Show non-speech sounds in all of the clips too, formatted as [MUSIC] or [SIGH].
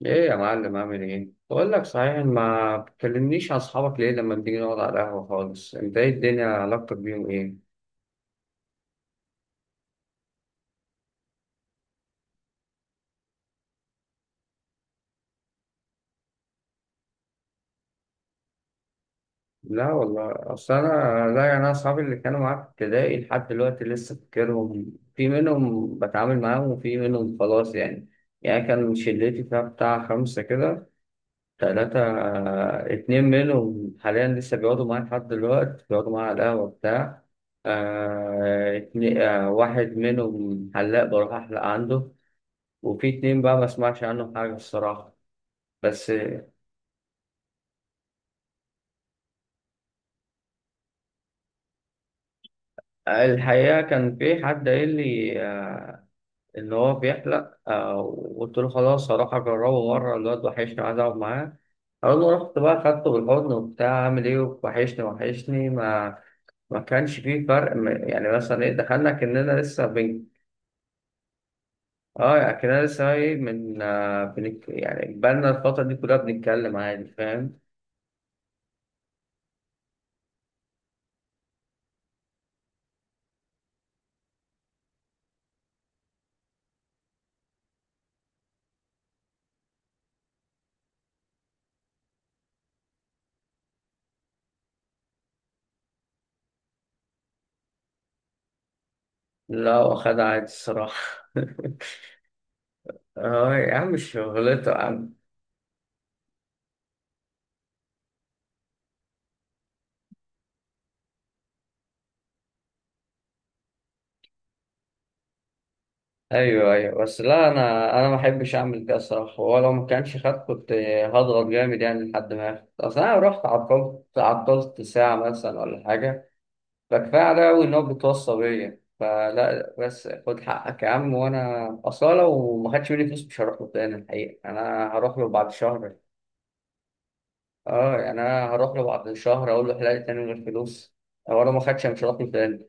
ايه يا معلم، عامل ايه؟ بقول لك صحيح، ما بتكلمنيش عن اصحابك ليه لما بنيجي نقعد على القهوة خالص؟ انت ايه الدنيا، علاقتك بيهم ايه؟ لا والله، اصل انا، لا يعني انا اصحابي اللي كانوا معاك في ابتدائي لحد دلوقتي لسه فاكرهم، في منهم بتعامل معاهم وفي منهم خلاص يعني. يعني كان شلتي فيها بتاع خمسة كده، تلاتة، اتنين منهم حاليا لسه بيقعدوا معايا لحد دلوقتي بيقعدوا معايا على القهوة بتاع. آه، اتنين. آه، واحد منهم حلاق بروح أحلق عنده، وفي اتنين بقى ما اسمعش عنهم حاجة الصراحة. بس الحقيقة كان في حد قايل لي، إن هو بيحلق، وقلت له خلاص هروح أجربه مرة، الواد وحشني عايز أقعد معاه. أول ما رحت بقى خدته بالحضن وبتاع، عامل إيه، وحشني وحشني، ما كانش فيه فرق يعني مثلا إيه، دخلنا كأننا لسه بن آه، يعني كأننا لسه إيه من بنك، يعني بقالنا الفترة دي كلها بنتكلم عادي، فاهم. لا، واخدها عادي الصراحة. [LAUGHS] اه يا عم، مش شغلته يا عم. ايوه ايوه، بس لا انا، ما احبش اعمل كده الصراحه، ولو ما كانش خد كنت هضغط جامد يعني لحد ما ياخد، اصل انا رحت عطلت ساعه مثلا ولا حاجه. فكفايه عليا قوي ان هو بيتوصى بيا، فلا بس خد حقك يا عم، وانا اصلا لو ما خدش مني فلوس مش هروح له تاني الحقيقه، انا هروح له بعد شهر. اه يعني انا هروح له بعد شهر اقول له حلال، تاني من غير فلوس، ولو ما خدش أنا مش هروح له تاني.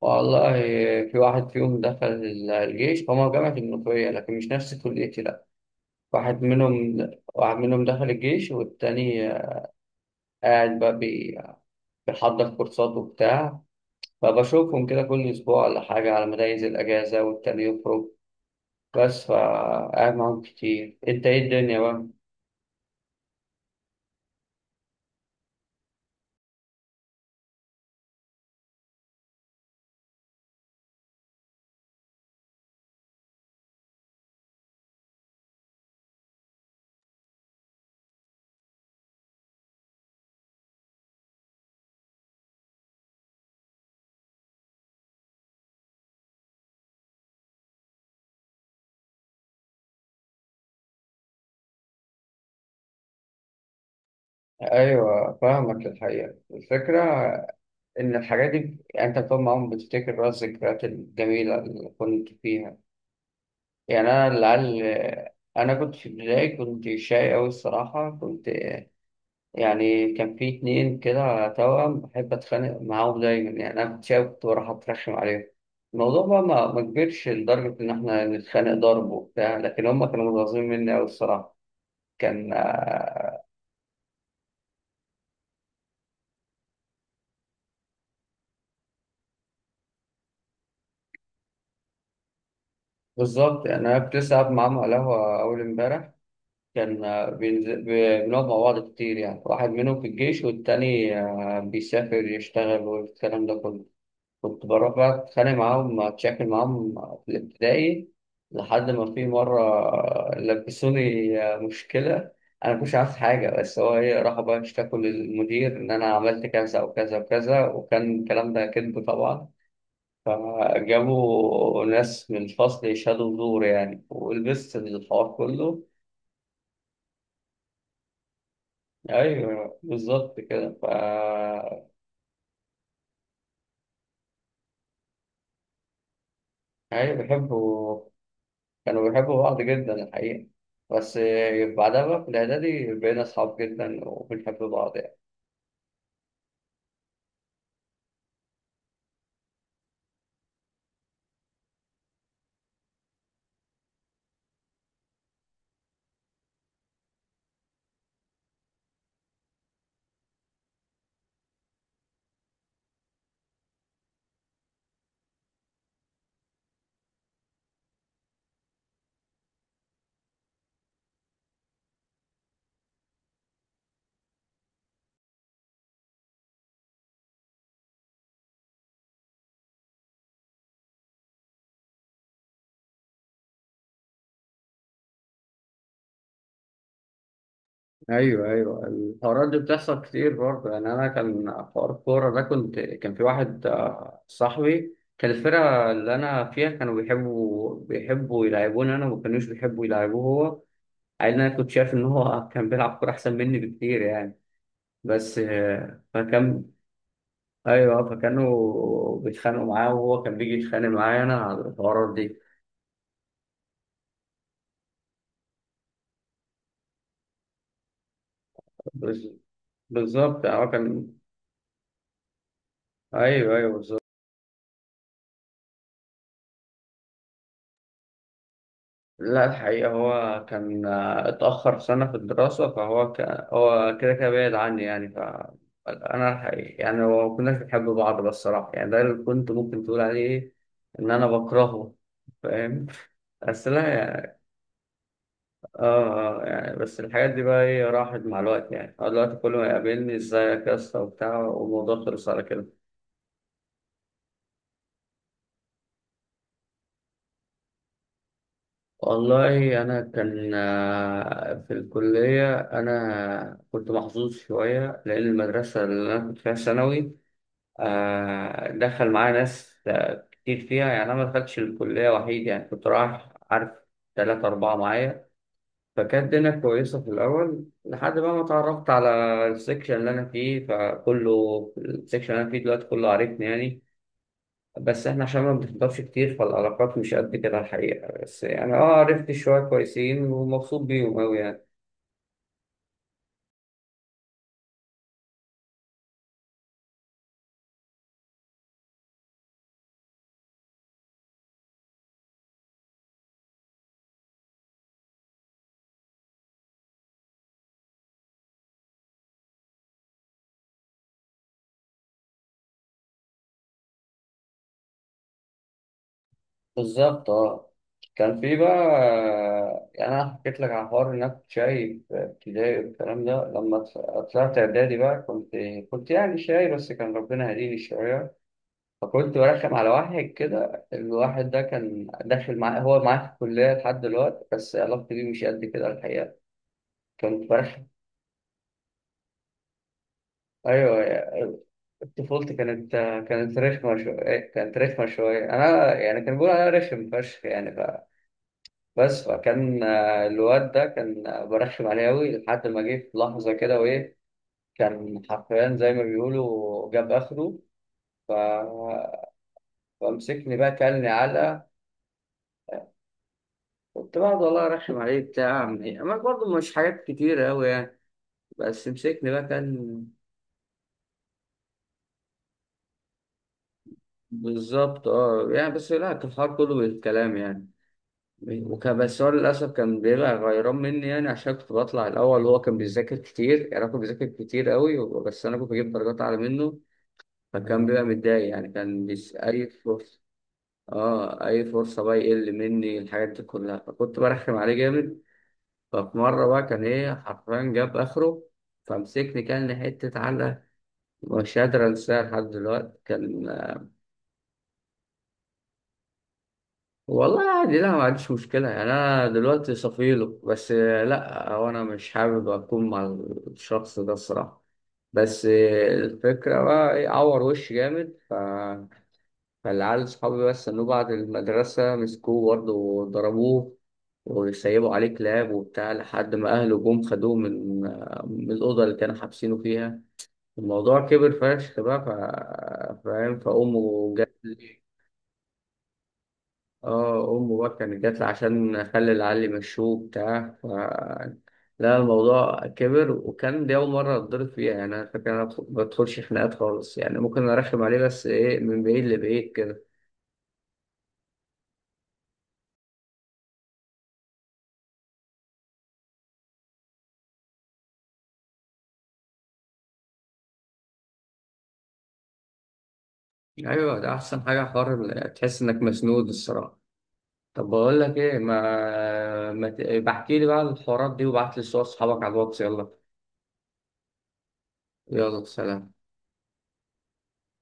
والله في واحد فيهم دخل الجيش، هما جامعة المنوفية لكن مش نفس كليتي لأ. واحد منهم، واحد منهم دخل الجيش، والتاني قاعد بقى بيحضر كورسات وبتاع. فبشوفهم كده كل أسبوع ولا حاجة على مدايز الأجازة، والتاني يخرج بس، فقاعد معاهم كتير. أنت إيه الدنيا بقى؟ أيوة فاهمك الحقيقة، الفكرة إن الحاجات دي أنت بتقعد معاهم بتفتكر بقى الذكريات الجميلة اللي كنت فيها. يعني أنا العيال، أنا كنت في البداية كنت شاي أوي الصراحة، كنت يعني كان في اتنين كده توأم بحب أتخانق معاهم دايما، يعني أنا كنت شاي كنت بروح أترخم عليهم. الموضوع بقى ما كبرش لدرجة إن إحنا نتخانق ضرب وبتاع، لكن هما كانوا متغاظين مني أوي الصراحة. كان بالظبط يعني، أنا كنت لسه قاعد معاهم على القهوة أول إمبارح. كان بينزل، بنقعد مع بعض كتير، يعني واحد منهم في الجيش والتاني بيسافر يشتغل، والكلام ده كله. كنت بروح بقى أتخانق معاهم أتشاكل معاهم في الابتدائي، لحد ما في مرة لبسوني مشكلة، أنا مكنتش عارف حاجة، بس هو إيه راحوا بقى اشتكوا للمدير إن أنا عملت كذا وكذا وكذا، وكان الكلام ده كذب طبعا. فجابوا ناس من الفصل يشهدوا زور يعني، ولبست الحوار كله. أيوه بالظبط كده فا، أيوه بحبه. كانوا بيحبوا بعض جدا الحقيقة، بس بعدها بقى في الإعدادي بقينا أصحاب جدا وبنحب بعض يعني. ايوه ايوه، الحوارات دي بتحصل كتير برضه، يعني أنا كان حوار الكورة ده، كنت كان في واحد صاحبي، كان الفرقة اللي أنا فيها كانوا بيحبوا يلعبوني أنا، وما كانوش بيحبوا يلعبوه هو، عيل. أنا كنت شايف إن هو كان بيلعب كورة أحسن مني بكتير يعني. بس فكان، أيوه فكانوا بيتخانقوا معاه، وهو كان بيجي يتخانق معايا أنا على الحوارات دي. بس بالظبط هو كان، ايوه ايوه بالظبط. لا الحقيقة هو كان اتأخر سنة في الدراسة، هو كده كده بعيد عني يعني ف، أنا الحقيقة يعني ما كناش بنحب بعض، بس الصراحة يعني ده اللي كنت ممكن تقول عليه إن أنا بكرهه، فاهم. بس لا يعني، يعني بس الحاجات دي بقى إيه راحت مع الوقت، يعني هو دلوقتي كل ما يقابلني إزيك يا اسطى وبتاع، والموضوع خلص على كده. والله أنا كان في الكلية، أنا كنت محظوظ شوية لأن المدرسة اللي أنا كنت فيها ثانوي دخل معايا ناس، كتير فيها، يعني أنا ما دخلتش الكلية وحيد، يعني كنت رايح عارف تلاتة أربعة معايا. فكانت الدنيا كويسة في الأول لحد بقى ما اتعرفت على السكشن اللي أنا فيه، فكله السكشن اللي أنا فيه دلوقتي كله عارفني يعني، بس احنا عشان ما بنحضرش كتير فالعلاقات مش قد كده الحقيقة، بس يعني اه عرفت شوية كويسين ومبسوط بيهم أوي يعني. بالظبط اه. كان في بقى يعني، أنا حكيت لك على حوار إنك كنت شاي في ابتدائي والكلام ده، لما طلعت إعدادي بقى كنت، يعني شاي، بس كان ربنا هديني شوية. فكنت برخم على واحد كده، الواحد ده كان داخل معاه، هو معاه في الكلية لحد دلوقتي، بس علاقتي بيه مش قد كده الحقيقة، كنت برخم. أيوه طفولتي كانت، كانت رخمة شوية أنا يعني، كان بيقولوا عليا رخم فشخ يعني بس فكان الواد ده كان برخم عليه أوي، لحد ما جه في لحظة كده وإيه كان حرفيا زي ما بيقولوا جاب آخره، ف... فمسكني بقى كلني علقة. كنت بقعد والله أرخم عليه بتاع، أما برضه مش حاجات كتيرة أوي يعني، بس مسكني بقى، كان بالظبط أه يعني. بس لا كان الحوار كله بالكلام يعني. وكان بس هو للأسف كان بيبقى غيران مني يعني، عشان كنت بطلع الأول وهو كان بيذاكر كتير، يعني هو كان بيذاكر كتير قوي. بس أنا كنت بجيب درجات أعلى منه، فكان بيبقى متضايق يعني، كان بيس أي فرصة، آه أي فرصة بقى يقل مني، الحاجات دي كلها فكنت برخم عليه جامد. ففي مرة بقى كان إيه حرفيا جاب آخره، فمسكني كان حتة علقة مش قادر أنساها لحد دلوقتي كان. والله عادي، لا ما عنديش مشكلة يعني، أنا دلوقتي صفيله، بس لا هو أنا مش حابب أكون مع الشخص ده الصراحة. بس الفكرة بقى إيه عور وش جامد فالعيال صحابي بس إنه بعد المدرسة مسكوه برضه وضربوه وسيبوا عليه كلاب وبتاع، لحد ما أهله جم خدوه من من الأوضة اللي كانوا حابسينه فيها. الموضوع كبر فشخ بقى فاهم، فأمه جت. اه امه بقى كانت جات لي عشان اخلي علي مشوه بتاع، ف لا الموضوع كبر، وكان دي اول مره اتضرب فيها يعني، انا فاكر انا ما بدخلش خناقات خالص يعني، ممكن ارخم عليه بس ايه من بعيد لبعيد كده. ايوه ده احسن حاجه حوار تحس انك مسنود الصراحه. طب بقول لك ايه ما, ما... ت- بحكي لي بقى الحوارات دي، وبعت لي صور اصحابك على الواتس، يلا. يلا سلام.